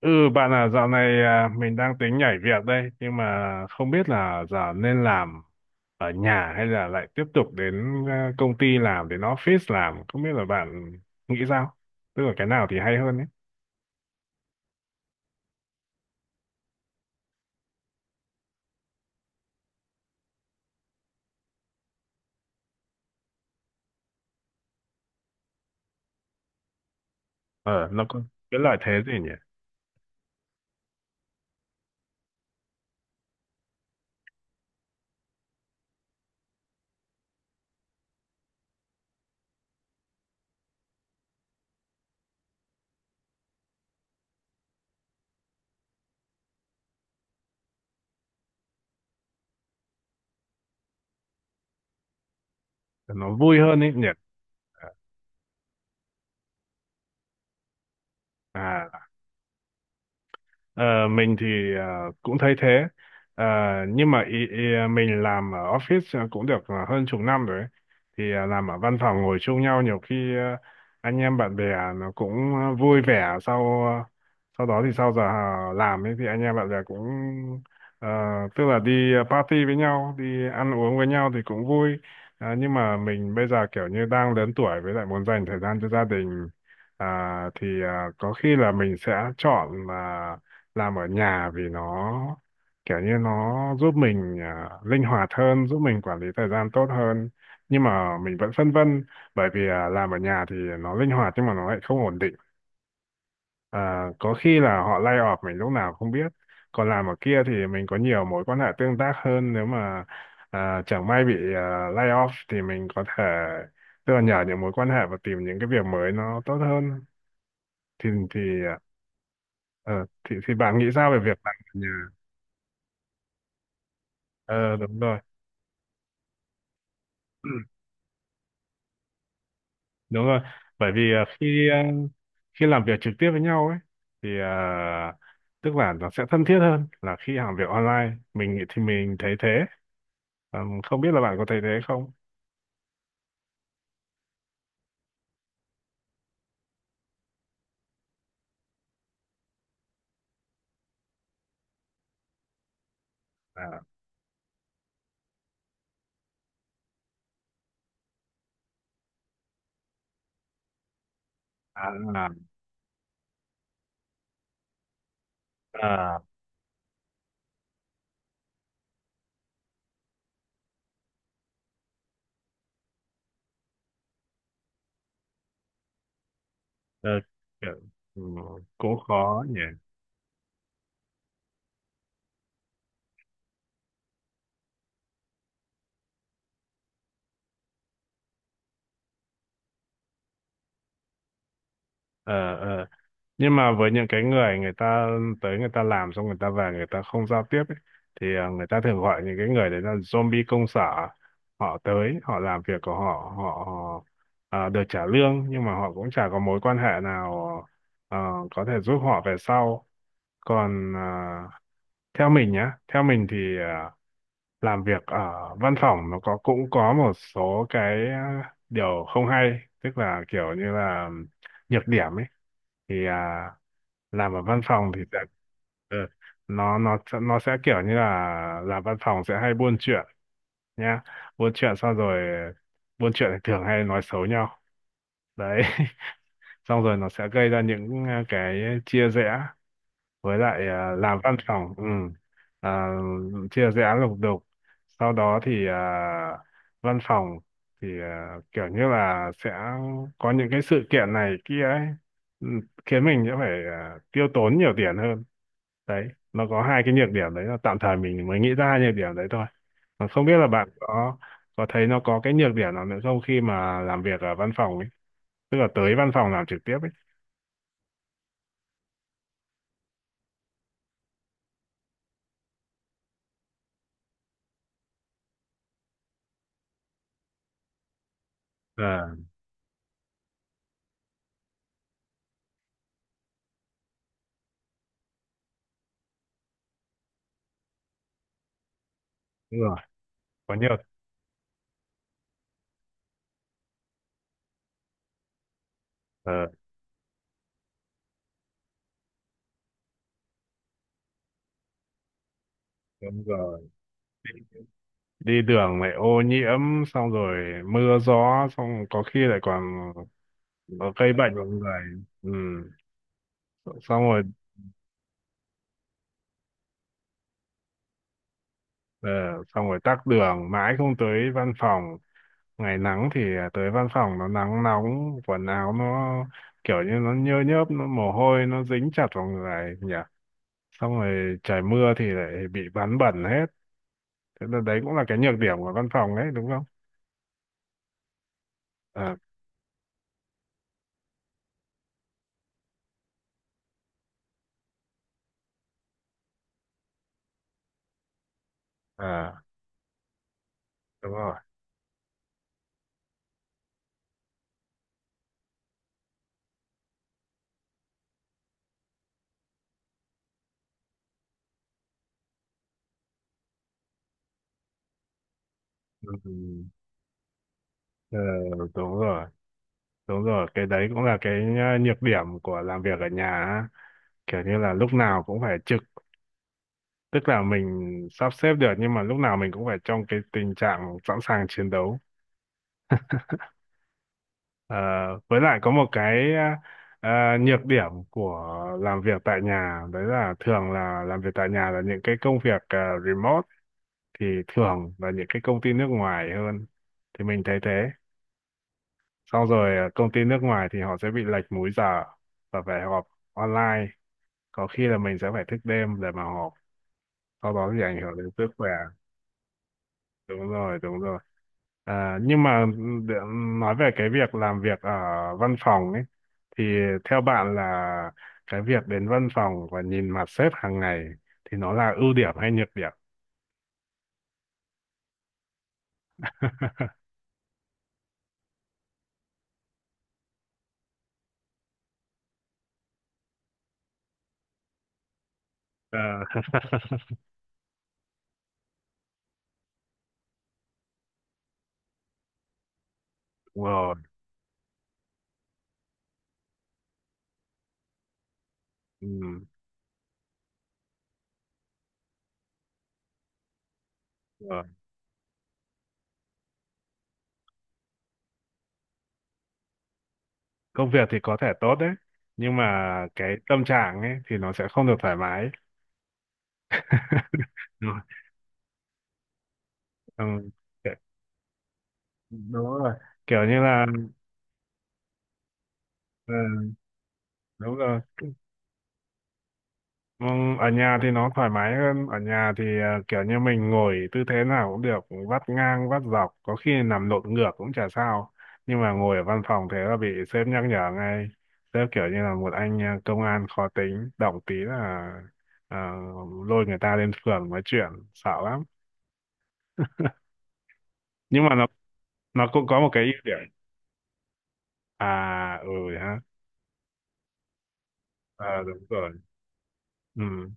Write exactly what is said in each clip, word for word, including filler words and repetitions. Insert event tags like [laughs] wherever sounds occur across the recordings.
Ừ Bạn à dạo này, à, mình đang tính nhảy việc đây, nhưng mà không biết là giờ nên làm ở nhà hay là lại tiếp tục đến à, công ty làm, đến office làm, không biết là bạn nghĩ sao, tức là cái nào thì hay hơn ấy? Ờ, nó có cái lợi thế gì nhỉ? Nó vui hơn ấy nhỉ? À, Ờ, mình thì ờ, cũng thấy thế. Ờ, nhưng mà ý, ý, ờ, mình làm ở office ờ, cũng được ờ, hơn chục năm rồi ấy. Thì ờ, làm ở văn phòng ngồi chung nhau, nhiều khi ờ, anh em bạn bè nó cũng ờ, vui vẻ. Sau ờ, sau đó thì sau giờ ờ, làm ấy, thì anh em bạn bè cũng ờ, tức là đi ờ, party với nhau, đi ăn uống với nhau thì cũng vui. Ờ, nhưng mà mình bây giờ kiểu như đang lớn tuổi, với lại muốn dành thời gian cho gia đình. À, thì à, có khi là mình sẽ chọn ờ, làm ở nhà, vì nó kiểu như nó giúp mình à, linh hoạt hơn, giúp mình quản lý thời gian tốt hơn. Nhưng mà mình vẫn phân vân, bởi vì à, làm ở nhà thì nó linh hoạt, nhưng mà nó lại không ổn định. À, có khi là họ lay off mình lúc nào không biết. Còn làm ở kia thì mình có nhiều mối quan hệ tương tác hơn, nếu mà à, chẳng may bị à, lay off thì mình có thể tức là nhờ những mối quan hệ và tìm những cái việc mới nó tốt hơn. Thì thì à, ờ, thì thì bạn nghĩ sao về việc làm ở nhà? Ờ, đúng rồi. Ừ, đúng rồi. Bởi vì à, khi à, khi làm việc trực tiếp với nhau ấy thì à, tức là nó sẽ thân thiết hơn là khi làm việc online, mình nghĩ- thì mình thấy thế. Ờ, không biết là bạn có thấy thế không? À, à, à, à, ờ, kiểu, ừ, cũng khó nhỉ. Ờ, ờ, nhưng mà với những cái người người ta tới, người ta làm xong, người ta về, người ta không giao tiếp ấy, thì ờ, người ta thường gọi những cái người đấy là zombie công sở. Họ tới, họ làm việc của họ, họ, họ ờ, được trả lương, nhưng mà họ cũng chả có mối quan hệ nào ờ, có thể giúp họ về sau. Còn ờ, theo mình nhá, theo mình thì ờ, làm việc ở văn phòng nó có, cũng có một số cái ờ, điều không hay, tức là kiểu như là nhược điểm ấy. Thì à, làm ở văn phòng thì sẽ ờ, nó nó sẽ- nó sẽ kiểu như là làm văn phòng sẽ hay buôn chuyện nhá. Buôn chuyện xong rồi buôn chuyện thì thường hay nói xấu nhau đấy [laughs] xong rồi nó sẽ gây ra những ờ, cái chia rẽ. Với lại à, làm văn phòng ừ, à, chia dự án lục đục. Sau đó thì à, văn phòng thì à, kiểu như là sẽ có những cái sự kiện này kia ấy, ừ, khiến mình sẽ phải à, tiêu tốn nhiều tiền hơn. Đấy, nó có hai cái nhược điểm đấy, là tạm thời mình mới nghĩ ra hai nhược điểm đấy thôi, mà không biết là bạn có có thấy nó có cái nhược điểm nào nữa không, khi mà làm việc ở văn phòng ấy, tức là tới văn phòng làm trực tiếp ấy? À, đúng rồi. Có nhiều. Ờ, đúng rồi. Đi đường lại ô nhiễm, xong rồi mưa gió, xong có khi lại còn có gây bệnh vào người. Ừ. Xong rồi ờ, xong rồi tắc đường mãi không tới văn phòng. Ngày nắng thì tới văn phòng nó nắng nóng, quần áo nó kiểu như nó nhơ nhớp, nó mồ hôi, nó dính chặt vào người nhỉ. Xong rồi trời mưa thì lại bị ván bẩn hết. Thế là đấy cũng là cái nhược điểm của văn phòng đấy, đúng không? À, à, đúng rồi. Ừ. Ừ. Ờ, đúng rồi. Đúng rồi, cái đấy cũng là cái uh, nhược điểm của làm việc ở nhà á. Kiểu như là lúc nào cũng phải trực, tức là mình sắp xếp được nhưng mà lúc nào mình cũng phải trong cái tình trạng sẵn sàng chiến đấu. Ờ, với lại có một cái uh, uh, nhược điểm của làm việc tại nhà, đấy là thường là làm việc tại nhà là những cái công việc uh, remote, thì thường là những cái công ty nước ngoài hơn. Thì mình thấy thế. Xong rồi uh, công ty nước ngoài thì họ sẽ bị lệch múi giờ và phải họp online, có khi là mình sẽ phải thức đêm để mà họp, sau đó thì ảnh hưởng đến sức khỏe. Đúng rồi, đúng rồi. À, nhưng mà để nói về cái việc làm việc ở văn phòng ấy, thì theo bạn là cái việc đến văn phòng và nhìn mặt sếp hàng ngày thì nó là ưu điểm hay nhược điểm? Ờ, [laughs] đúng rồi. Ừ, đúng rồi. Công việc thì có thể tốt đấy, nhưng mà cái tâm trạng ấy thì nó sẽ không được thoải mái [laughs] Đúng rồi. Ừ. Kiểu-. Đúng rồi. Kiểu như là ừ, đúng rồi. Ừ, ở nhà thì nó thoải mái hơn. Ở nhà thì à, kiểu như mình ngồi tư thế nào cũng được, vắt ngang vắt dọc, có khi nằm lộn ngược cũng chả sao. Nhưng mà ngồi ở văn phòng thế là bị sếp nhắc nhở ngay. Sếp kiểu như là một anh à, công an khó tính, động tí là à, lôi người ta lên phường nói chuyện, sợ lắm. Nhưng mà nó nó cũng có một cái ưu điểm. À ừ ha. À, đúng rồi. Ừ,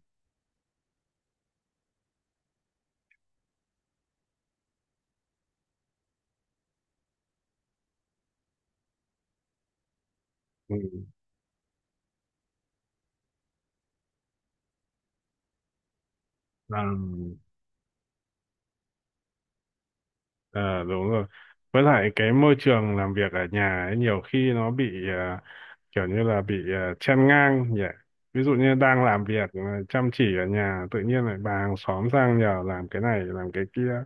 ừ. Ờ, đúng rồi. Với lại cái môi trường làm việc ở nhà ấy, nhiều khi nó bị à, kiểu như là bị uh, chen ngang nhỉ. Ví dụ như đang làm việc à, chăm chỉ ở nhà, tự nhiên lại bà hàng xóm sang nhờ làm cái này, làm cái kia.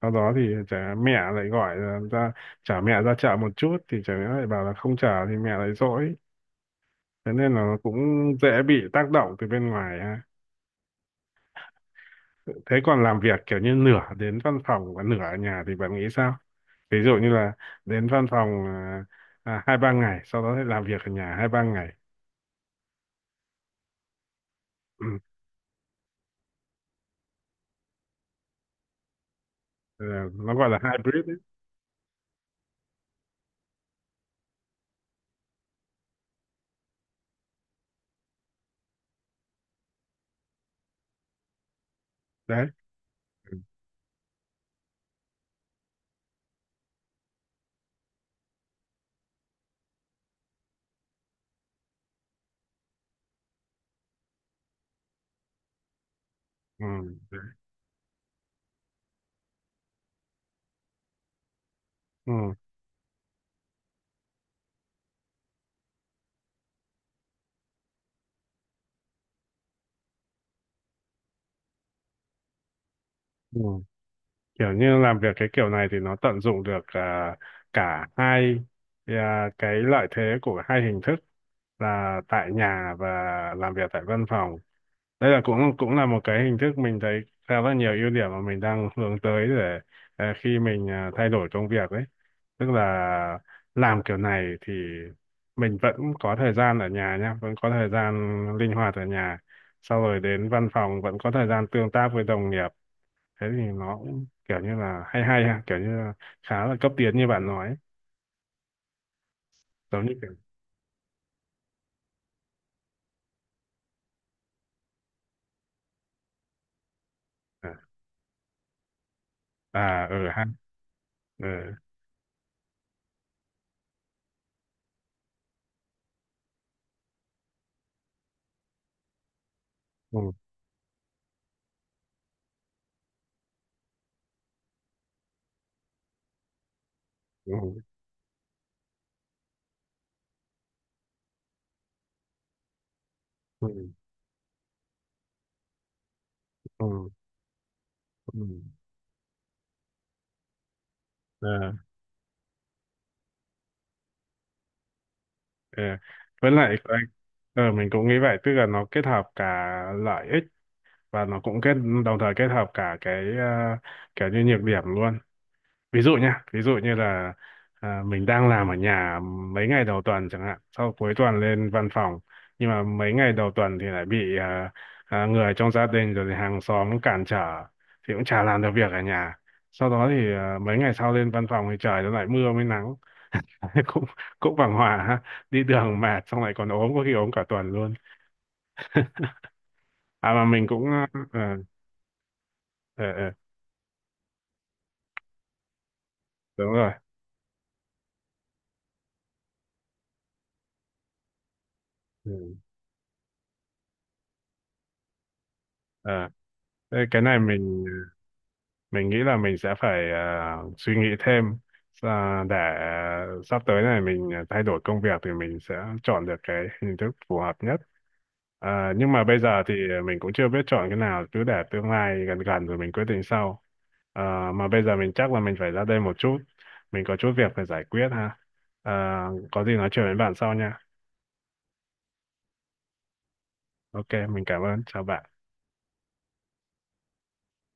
Sau đó thì chả mẹ lại gọi là ra, chả mẹ ra chợ một chút thì chả mẹ lại bảo là không chở thì mẹ lại dỗi. Thế nên là nó cũng dễ bị tác động từ bên ngoài ha. Thế còn làm việc kiểu như nửa đến văn phòng và nửa ở nhà thì bạn nghĩ sao? Ví dụ như là đến văn phòng à, à, hai ba ngày, sau đó thì làm việc ở nhà hai ba ngày. Ừ. Ờ, nó gọi là hybrid ấy. Đấy. Ừ. Đấy. Ừ. Ừ. Kiểu như làm việc cái kiểu này thì nó tận dụng được à, cả hai à, cái lợi thế của hai hình thức, là tại nhà và làm việc tại văn phòng. Đây là cũng cũng là một cái hình thức mình thấy khá là nhiều ưu điểm mà mình đang hướng tới, để à, khi mình à, thay đổi công việc ấy, tức là làm kiểu này thì mình vẫn có thời gian ở nhà nhá, vẫn có thời gian linh hoạt ở nhà, sau rồi đến văn phòng vẫn có thời gian tương tác với đồng nghiệp. Thế thì nó cũng kiểu như là hay hay ha, kiểu như là khá là cấp tiến như bạn nói ấy. Giống như kiểu à, à ừ ha. Ừ, ừ, ừ, ừ, ừ, ừ. Ờ, ờ. với lại cái- ờ, mình cũng nghĩ vậy, tức là nó kết hợp cả lợi ích, và nó cũng kết đồng thời kết hợp cả cái ờ, kiểu như nhược điểm luôn. Ví dụ nha, ví dụ như là à, mình đang làm ở nhà mấy ngày đầu tuần chẳng hạn, sau cuối tuần lên văn phòng, nhưng mà mấy ngày đầu tuần thì lại bị à, à, người trong gia đình rồi thì hàng xóm cản trở, thì cũng chả làm được việc ở nhà. Sau đó thì à, mấy ngày sau lên văn phòng thì trời nó lại mưa mới nắng [laughs] cũng cũng bằng hòa ha, đi đường mệt, xong lại còn ốm, có khi ốm cả tuần luôn. À, mà mình cũng ờ, ờ, ờ, ờ, đúng rồi. Ừ. Ờ, thế cái này mình mình nghĩ là mình sẽ phải à, suy nghĩ thêm, à, để sắp tới này mình thay đổi công việc thì mình sẽ chọn được cái hình thức phù hợp nhất. À, nhưng mà bây giờ thì mình cũng chưa biết chọn cái nào, cứ để tương lai gần gần rồi mình quyết định sau. À, mà bây giờ mình chắc là mình phải ra đây một chút, mình có chút việc phải giải quyết ha. À, có gì nói chuyện với bạn sau nha. Ok, mình cảm ơn, chào bạn.